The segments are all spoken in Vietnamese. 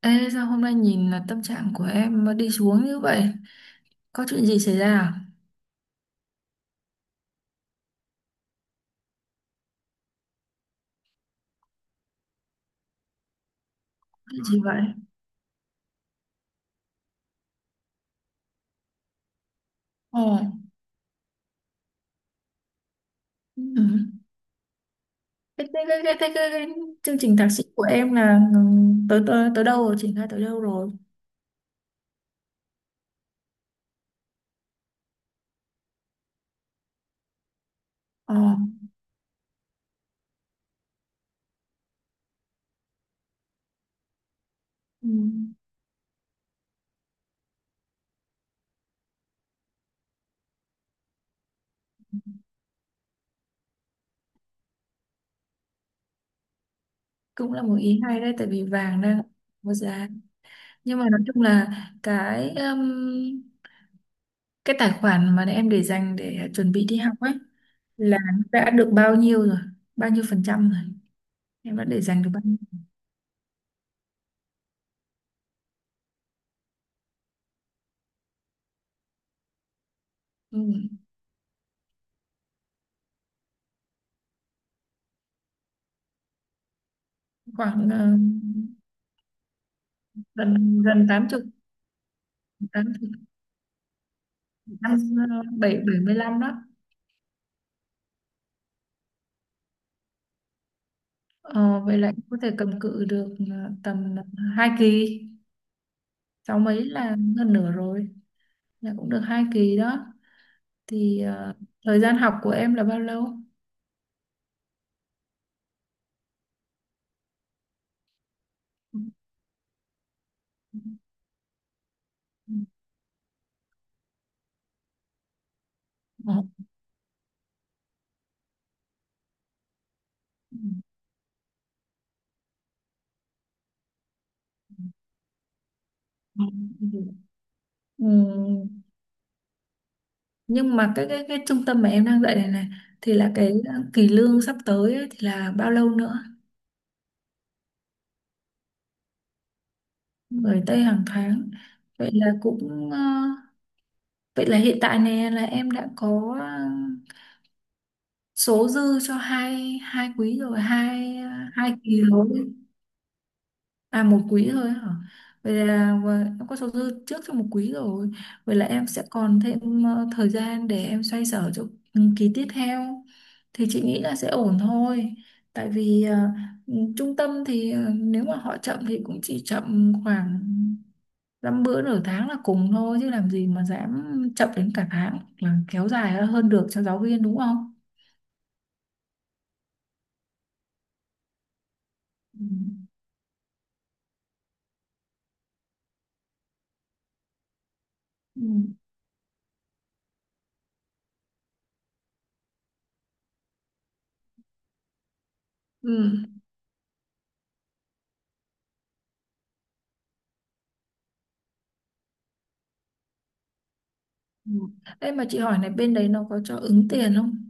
Ê, sao hôm nay nhìn là tâm trạng của em mà đi xuống như vậy? Có chuyện gì xảy ra à? Chuyện gì vậy? Ồ. Ừ. Cái chương trình thạc sĩ của em là tới tới tới đâu rồi, triển khai tới đâu rồi? Ồ. Ừ. Cũng là một ý hay đấy, tại vì vàng đang có giá. Nhưng mà nói chung là cái um, cái tài khoản mà em để dành để chuẩn bị đi học ấy là đã được bao nhiêu rồi? Bao nhiêu phần trăm rồi? Em đã để dành được bao nhiêu? Ừ. Khoảng gần gần tám chục, 80, năm, bảy bảy mươi lăm đó. Ờ, Vậy là em có thể cầm cự được tầm hai kỳ, sáu mấy là gần nửa rồi, là cũng được 2 kỳ đó. Thì thời gian học của em là bao lâu? Ờ. Ừ. Nhưng mà cái trung tâm mà em đang dạy này này thì là cái kỳ lương sắp tới ấy, thì là bao lâu nữa? Gửi Tây hàng tháng. Vậy là cũng ờ, Vậy là hiện tại này là em đã có số dư cho hai hai quý rồi, hai kỳ rồi. À, một quý thôi hả? Vậy là em có số dư trước cho một quý rồi. Vậy là em sẽ còn thêm thời gian để em xoay sở cho kỳ tiếp theo. Thì chị nghĩ là sẽ ổn thôi. Tại vì trung tâm thì nếu mà họ chậm thì cũng chỉ chậm khoảng dăm bữa nửa tháng là cùng thôi, chứ làm gì mà dám chậm đến cả tháng hoặc là kéo dài hơn được cho giáo viên đúng không? Ừ. Ừ. Ừ. Ừ. Ê, mà chị hỏi này, bên đấy nó có cho ứng tiền không?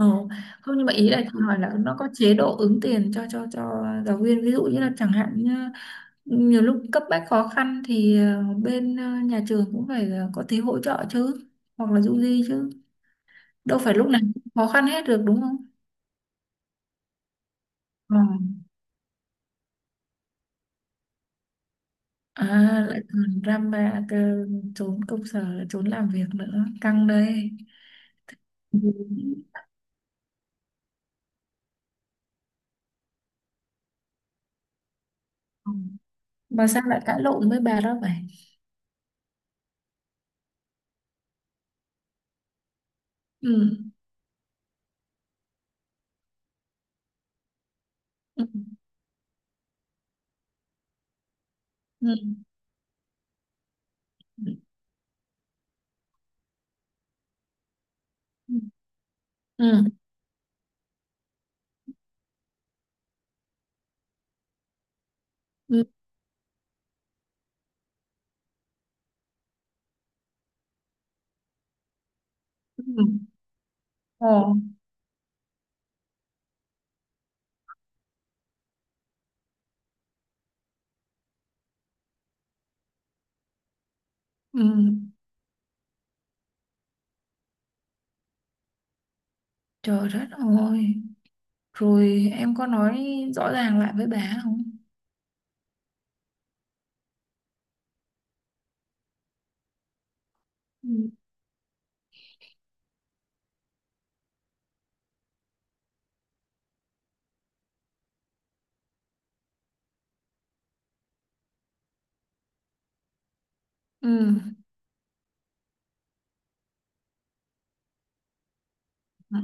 Ờ, không, nhưng mà ý là chị hỏi là nó có chế độ ứng tiền cho giáo viên, ví dụ như là chẳng hạn như nhiều lúc cấp bách khó khăn thì bên nhà trường cũng phải có tí hỗ trợ chứ, hoặc là du di chứ, đâu phải lúc nào cũng khó khăn hết được đúng không? À, lại còn drama cơ, trốn công sở, trốn làm việc nữa. Căng đây. Ừ. Ừ. Mà sao lại cãi lộn với bà đó vậy? Ừ. Ừ. Ừ. Ừ. Ừ. Ừ. Ừ. Ồ. Ừ. Trời đất ơi. Rồi em có nói rõ ràng lại với bà không? Ừ. Ừ. Ừ.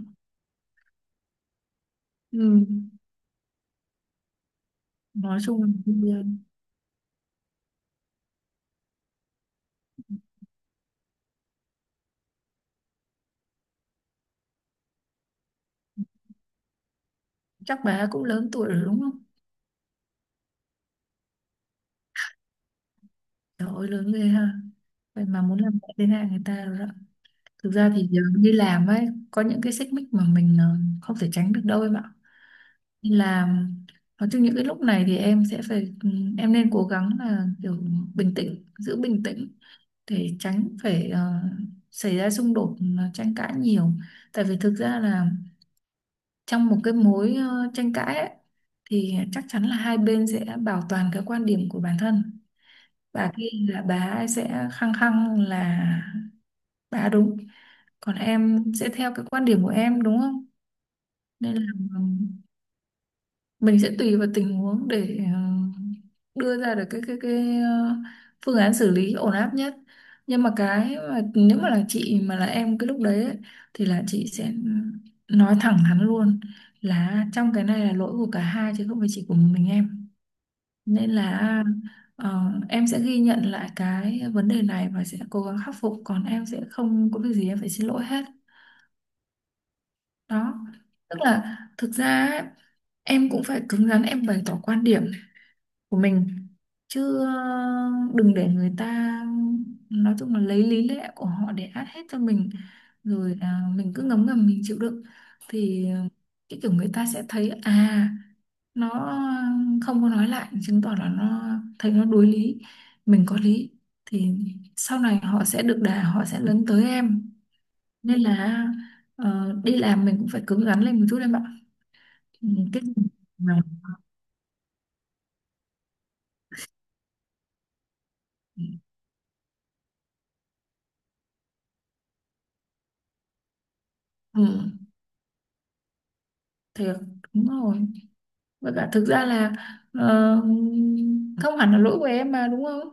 Ừ. Nói chung là bây giờ chắc bà cũng lớn tuổi rồi đúng không? Trời ơi lớn ghê ha. Vậy mà muốn làm mẹ thế này người ta rồi đó. Thực ra thì giờ đi làm ấy có những cái xích mích mà mình không thể tránh được đâu em ạ. Đi làm nói chung những cái lúc này thì em sẽ phải em nên cố gắng là kiểu bình tĩnh, giữ bình tĩnh, để tránh phải xảy ra xung đột, tranh cãi nhiều. Tại vì thực ra là trong một cái mối tranh cãi ấy, thì chắc chắn là hai bên sẽ bảo toàn cái quan điểm của bản thân. Bà kia là bà ấy sẽ khăng khăng là bà đúng, còn em sẽ theo cái quan điểm của em đúng không, nên là ừm, mình sẽ tùy vào tình huống để đưa ra được cái phương án xử lý ổn áp nhất, nhưng mà cái mà nếu mà là chị mà là em cái lúc đấy ấy, thì là chị sẽ nói thẳng hắn luôn, là trong cái này là lỗi của cả hai chứ không phải chỉ của mình em, nên là em sẽ ghi nhận lại cái vấn đề này và sẽ cố gắng khắc phục, còn em sẽ không có việc gì em phải xin lỗi hết. Đó, tức là thực ra ấy, em cũng phải cứng rắn, em bày tỏ quan điểm của mình chứ, đừng để người ta, nói chung là lấy lý lẽ của họ để át hết cho mình, rồi mình cứ ngấm ngầm mình chịu đựng thì cái kiểu người ta sẽ thấy nó không có nói lại, chứng tỏ là nó thấy nó đối lý, mình có lý, thì sau này họ sẽ được đà họ sẽ lấn tới em, nên là đi làm mình cũng phải cứng rắn lên một chút em ạ. Ừ, cái gì mà ừ, thiệt, đúng rồi. Và cả thực ra là ờ, không hẳn là lỗi của em mà đúng không.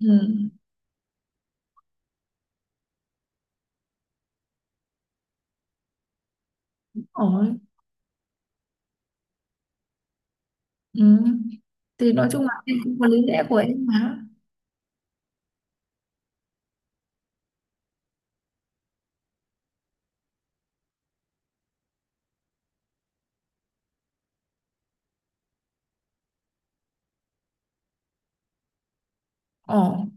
Ừ, ổn. Ừ. Thì nói chung là em cũng có lý lẽ của em mà. Ổn.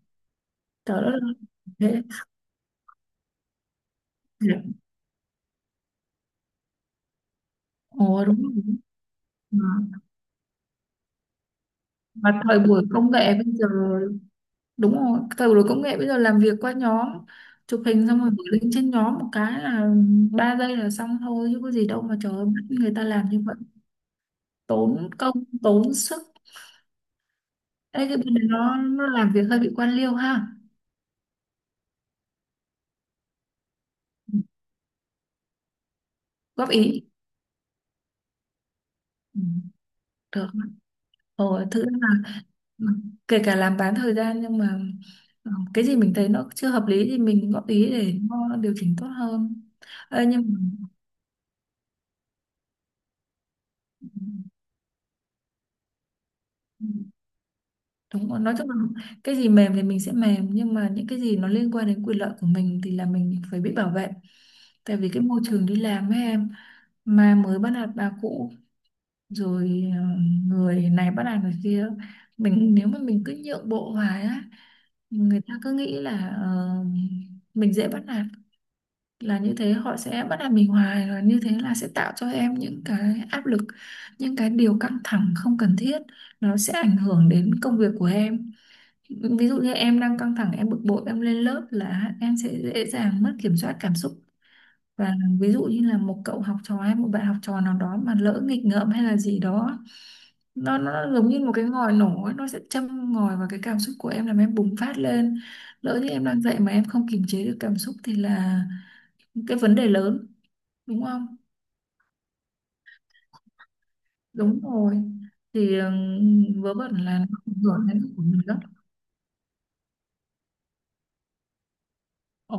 Trời đất ơi. Thế. Ồ, đúng rồi. Mà, mà thời buổi công nghệ bây giờ, đúng rồi, thời buổi công nghệ bây giờ làm việc qua nhóm, chụp hình xong rồi gửi link trên nhóm một cái là 3 giây là xong thôi, chứ có gì đâu mà, trời ơi, bắt người ta làm như vậy, tốn công tốn sức. Ê, cái bên này nó làm việc hơi bị quan liêu ha. Ừ, góp ý. Ừ, được rồi, thực ra là kể cả làm bán thời gian nhưng mà cái gì mình thấy nó chưa hợp lý thì mình góp ý để nó điều chỉnh tốt hơn. Ê, nhưng mà đúng rồi. Nói chung là cái gì mềm thì mình sẽ mềm, nhưng mà những cái gì nó liên quan đến quyền lợi của mình thì là mình phải biết bảo vệ. Tại vì cái môi trường đi làm với em mà mới bắt nạt bà cũ, rồi người này bắt nạt người kia, mình nếu mà mình cứ nhượng bộ hoài á, người ta cứ nghĩ là mình dễ bắt nạt, là như thế họ sẽ bắt nạt mình hoài và như thế là sẽ tạo cho em những cái áp lực, những cái điều căng thẳng không cần thiết, nó sẽ ảnh hưởng đến công việc của em. Ví dụ như em đang căng thẳng em bực bội em lên lớp là em sẽ dễ dàng mất kiểm soát cảm xúc, và ví dụ như là một cậu học trò hay một bạn học trò nào đó mà lỡ nghịch ngợm hay là gì đó, nó giống như một cái ngòi nổ ấy, nó sẽ châm ngòi vào cái cảm xúc của em làm em bùng phát lên. Lỡ như em đang dạy mà em không kiềm chế được cảm xúc thì là cái vấn đề lớn, đúng không? Đúng rồi. Thì vớ vẩn là nó ảnh hưởng đến của mình đó. Ồ.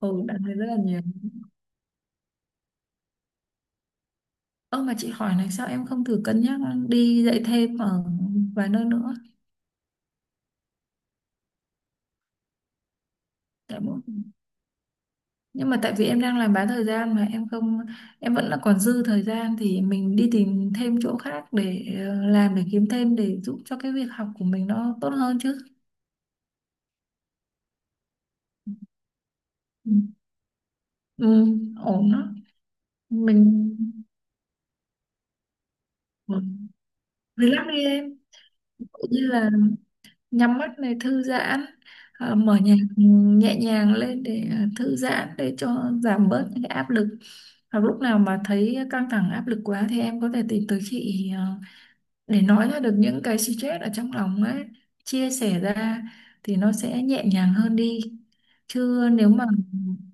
Ừ, đã thấy rất là nhiều. Ơ, mà chị hỏi này, sao em không thử cân nhắc đi dạy thêm ở vài nơi nữa? Tại mỗi, nhưng mà tại vì em đang làm bán thời gian mà em không, em vẫn là còn dư thời gian thì mình đi tìm thêm chỗ khác để làm để kiếm thêm, để giúp cho cái việc học của mình nó tốt hơn chứ. Ừ, ừ, ổn đó. Mình. Ừ, relax đi em. Tự nhiên là nhắm mắt này thư giãn, mở nhạc nhẹ nhàng lên để thư giãn để cho giảm bớt những cái áp lực, hoặc lúc nào mà thấy căng thẳng áp lực quá thì em có thể tìm tới chị để nói ra được những cái stress ở trong lòng ấy, chia sẻ ra thì nó sẽ nhẹ nhàng hơn đi, chứ nếu mà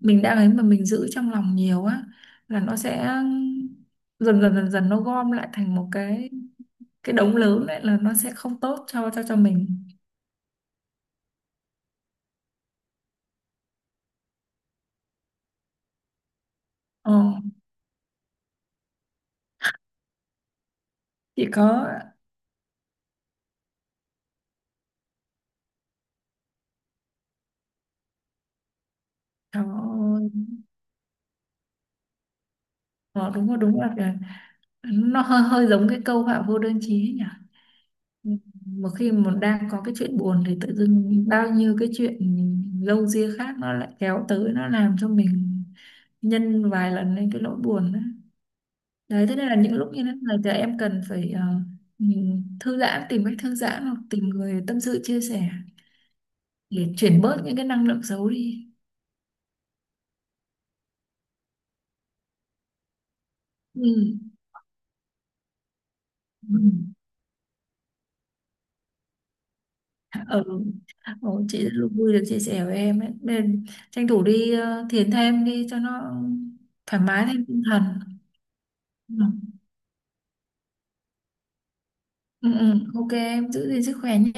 mình đang ấy mà mình giữ trong lòng nhiều á là nó sẽ dần dần dần dần nó gom lại thành một cái đống lớn đấy là nó sẽ không tốt cho mình. Ờ. Chị có. Cháu. Ờ, đúng rồi, đúng là nó hơi hơi giống cái câu họa vô đơn chí ấy nhỉ, một khi mà đang có cái chuyện buồn thì tự dưng bao nhiêu cái chuyện râu ria khác nó lại kéo tới, nó làm cho mình nhân vài lần lên cái nỗi buồn đó. Đấy thế nên là những lúc như thế này thì em cần phải nhìn thư giãn, tìm cách thư giãn, hoặc tìm người tâm sự chia sẻ để chuyển bớt những cái năng lượng xấu đi. Ừ. Ừ. Ừ. Ồ, chị rất là vui được chia sẻ với em ấy. Nên tranh thủ đi thiền thêm đi cho nó thoải mái thêm tinh thần. Ừ. Ừ, ừ. OK em giữ gìn sức khỏe nhé.